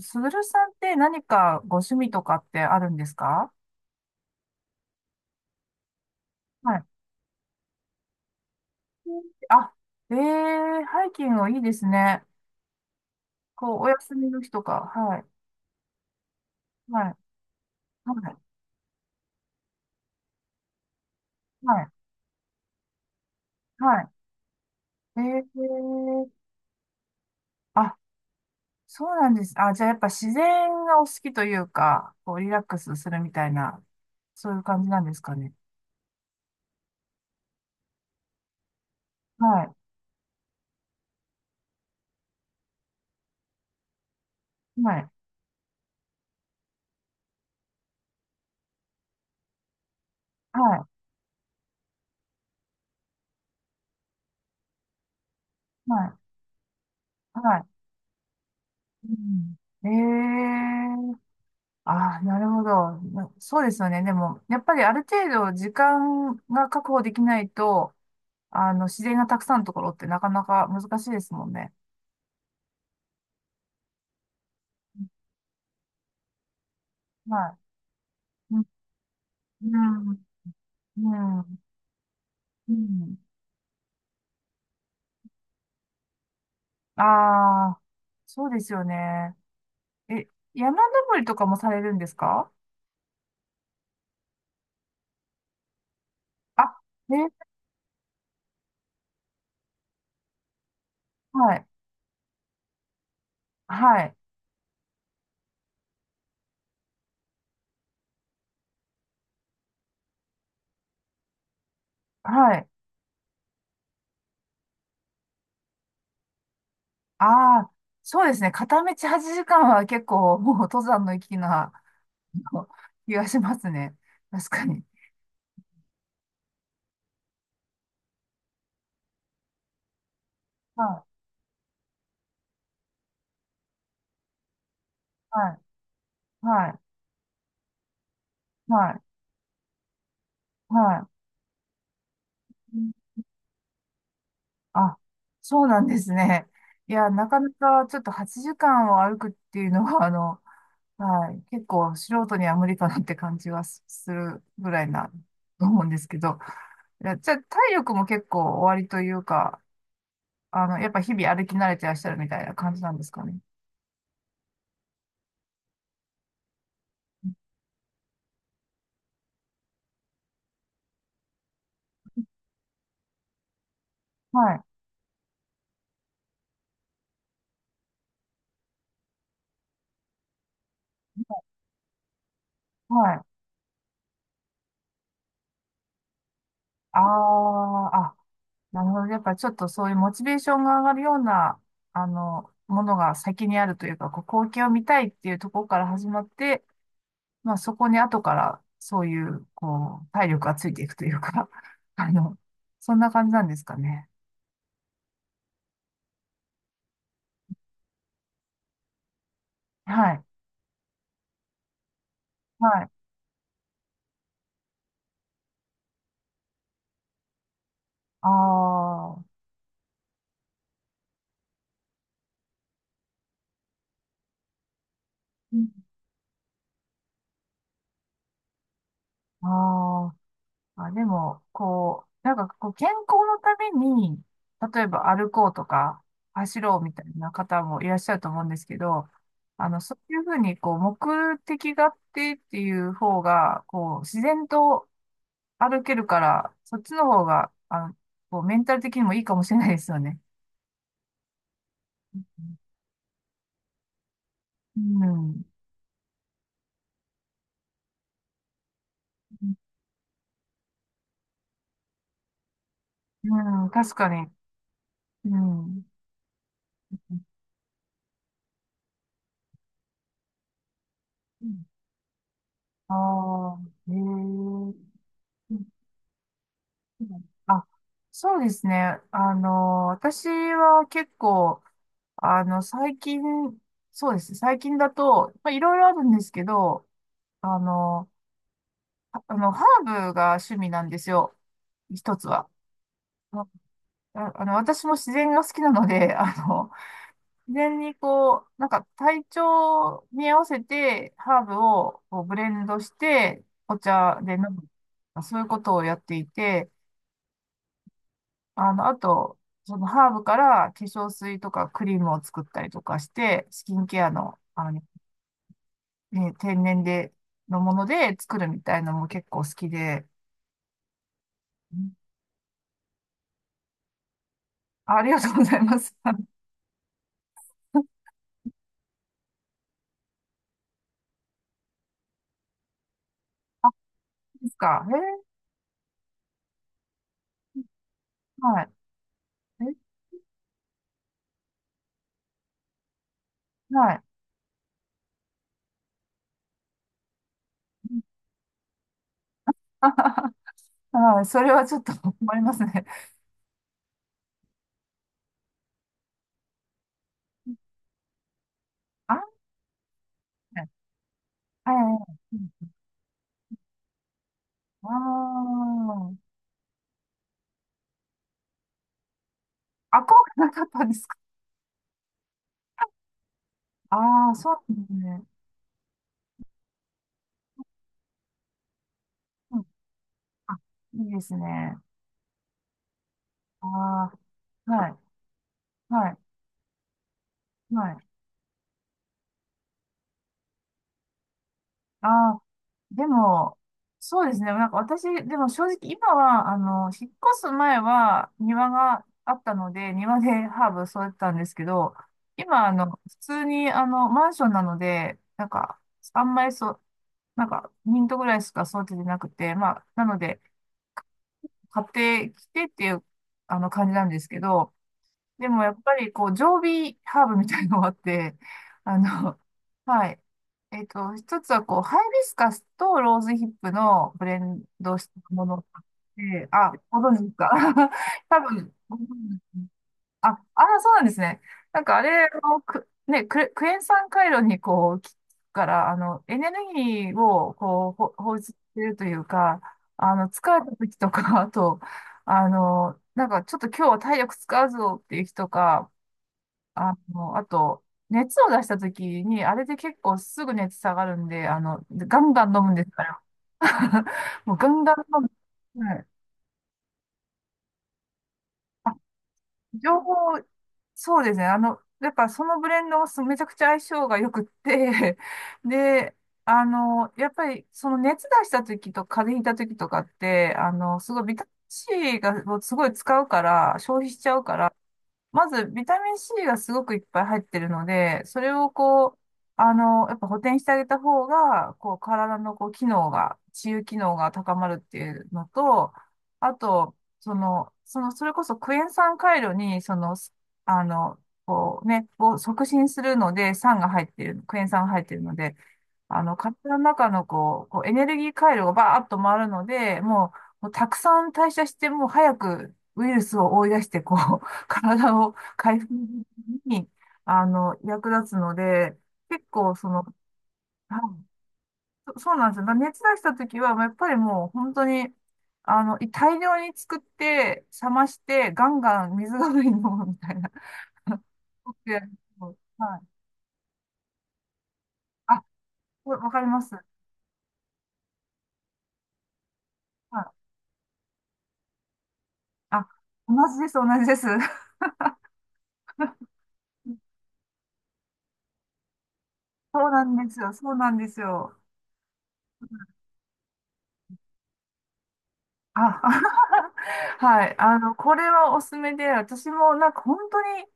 すぐるさんって何かご趣味とかってあるんですか？はい。あ、えー、ハイキングいいですね。こう、お休みの日とか。はい。はい。はい。はい。はい。えー、あ、そうなんです。あ、じゃあやっぱ自然がお好きというか、こう、リラックスするみたいな、そういう感じなんですかね。はい。はい。はい。はい。はい。うん、えああ、なるほど。なそうですよね。でも、やっぱりある程度時間が確保できないと、自然がたくさんのところってなかなか難しいですもんね。はい。うん、うん、うん。ああ、そうですよね。え、山登りとかもされるんですか？あ、ね、はい、はい、はい。ああ、そうですね。片道8時間は結構もう登山の域なあの気がしますね。確かに。はい、はい、はい、はい、はい。うん、あ、そうなんですね。いや、なかなかちょっと8時間を歩くっていうのは、はい、結構素人には無理かなって感じはすするぐらいな、と思うんですけど。いや、じゃあ、体力も結構おありというか、やっぱ日々歩き慣れてらっしゃるみたいな感じなんですかね。はい、はい。あーあ、なるほど。やっぱちょっとそういうモチベーションが上がるような、ものが先にあるというか、こう、光景を見たいっていうところから始まって、まあそこに後からそういう、こう、体力がついていくというか、あの、そんな感じなんですかね。はい。はい。ああ。うん、ああ。あ、でも、こう、なんかこう健康のために、例えば歩こうとか、走ろうみたいな方もいらっしゃると思うんですけど、そういうふうに、こう、目的があってっていう方が、こう、自然と歩けるから、そっちの方が、こう、メンタル的にもいいかもしれないですよね。うん。うん、確かに。うん。ああ、へえ。うん、あ、そうですね。私は結構、あの、最近、そうですね。最近だと、まあ、いろいろあるんですけど、あの、ハーブが趣味なんですよ。一つは。あ、私も自然が好きなので、自然にこう、なんか体調に合わせて、ハーブをこうブレンドして、お茶で飲む。そういうことをやっていて、あと、そのハーブから化粧水とかクリームを作ったりとかして、スキンケアの、あのね、ね天然で、のもので作るみたいのも結構好きで、うん、ありがとうございます。あ、ですか。えー、はい。え、はい。はい。それはちょっと困りますね。あ、はい。はい。うん。あー、あ、効果なかったんですか？ああ、ー、そうですね。うん、あ、いいですね。ああ、はい。はい。はい。ああ、でも、そうですね。なんか私、でも正直今は、引っ越す前は庭があったので、庭でハーブ育てたんですけど、今、普通に、マンションなので、なんか、あんまりそう、なんか、ミントぐらいしか育ててなくて、まあ、なので、買ってきてっていう、感じなんですけど、でもやっぱりこう、常備ハーブみたいのがあって、あの、はい。一つはこう、ハイビスカスとローズヒップのブレンドしたものがあって、あ、ご存知ですか？ 多分、ご存知です。あ、ああ、そうなんですね。なんかあれをく、ね、ク、クエン酸回路にこう、効くから、エネルギーをこう、ほ放出してるというか、疲れた時とか、あと、なんかちょっと今日は体力使うぞっていう日とか、あと、熱を出した時に、あれで結構すぐ熱下がるんで、ガンガン飲むんですから。もうガンガン飲む。情報、そうですね。やっぱそのブレンドはすめちゃくちゃ相性が良くって、で、やっぱりその熱出した時と風邪ひいた時とかって、すごいビタミン C がもうすごい使うから、消費しちゃうから、まず、ビタミン C がすごくいっぱい入ってるので、それをこう、やっぱ補填してあげた方が、こう、体のこう、機能が、治癒機能が高まるっていうのと、あと、その、その、それこそクエン酸回路に、その、あの、こうね、を促進するので、酸が入ってる、クエン酸が入ってるので、体の中のこう、こうエネルギー回路がバーッと回るので、もう、もうたくさん代謝して、もう早くウイルスを追い出して、こう、体を回復に、役立つので、結構その、はい、そそうなんですよ。だから熱出した時は、まあやっぱりもう本当に、い大量に作って、冷まして、ガンガン水代わりに飲むみたいな。取ってやると、はい。あ、わわかります。はい。あ、同じです、同じです。そうなんですよ、そうなんですよ。あ、はい。これはおすすめで、私もなんか本当に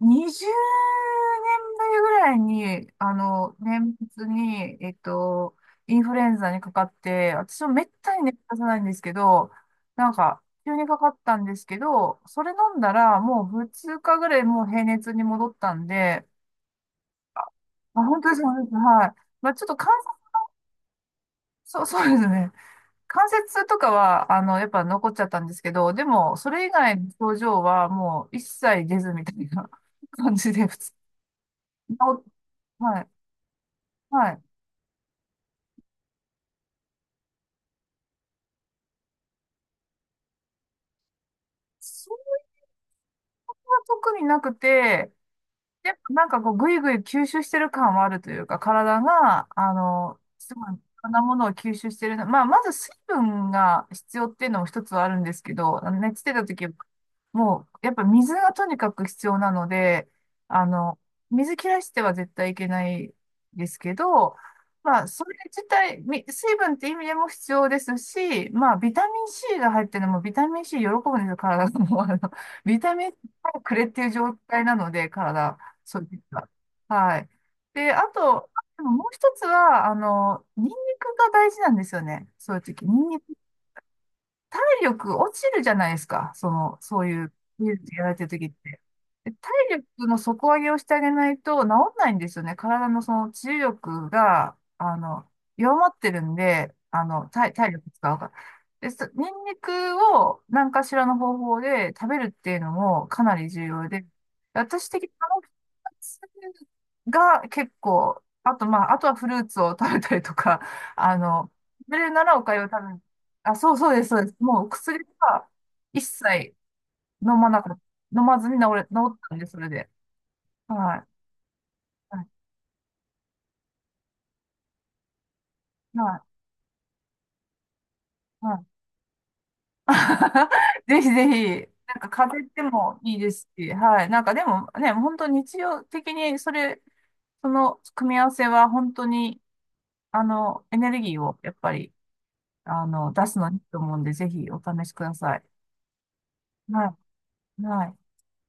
20年ぶりぐらいに、年末に、インフルエンザにかかって、私もめったに熱出さないんですけど、なんか、急にかかったんですけど、それ飲んだら、もう2日ぐらいもう平熱に戻ったんで、あ、本当です、本当です、はい。まあ、ちょっと関節、そう、そうですね。関節痛とかは、やっぱ残っちゃったんですけど、でも、それ以外の症状はもう一切出ずみたいな 感じで、普通に治っ、はい、はい。そんな特になくて、でもなんかこう、ぐいぐい吸収してる感はあるというか、体が、すごい、いろんなものを吸収してるな。まあ、まず水分が必要っていうのも一つはあるんですけど、熱出た時はもう、やっぱ水がとにかく必要なので、あの、水切らしては絶対いけないですけど、まあ、それ自体、み水分って意味でも必要ですし、まあ、ビタミン C が入ってるのも、ビタミン C 喜ぶんですよ、体が。もう、ビタミン C をくれっていう状態なので、体、そういった、はい。で、あと、でももう一つは、ニンニクが大事なんですよね。そういう時。ニンニク体力落ちるじゃないですか。その、そういう、技術やられてる時って。で体力の底上げをしてあげないと治んないんですよね。体のその治癒力が、弱まってるんで、体、体力使うから。で、そニンニクを何かしらの方法で食べるっていうのもかなり重要で、私的にあのふたつが結構、あとまあ、あとはフルーツを食べたりとか、あの、食べれるならお粥を食べる、あ、そうそうです、そうです。もう薬は一切飲まなかった、飲まずに治れ、治ったんで、それで。はい。はい。はい。はい。 ぜひぜひ、なんか風邪ってもいいですし、はい。なんかでもね、本当日常的にそれ、その組み合わせは本当に、エネルギーをやっぱり、出すのにいいと思うんで、ぜひお試しください。はい。はい。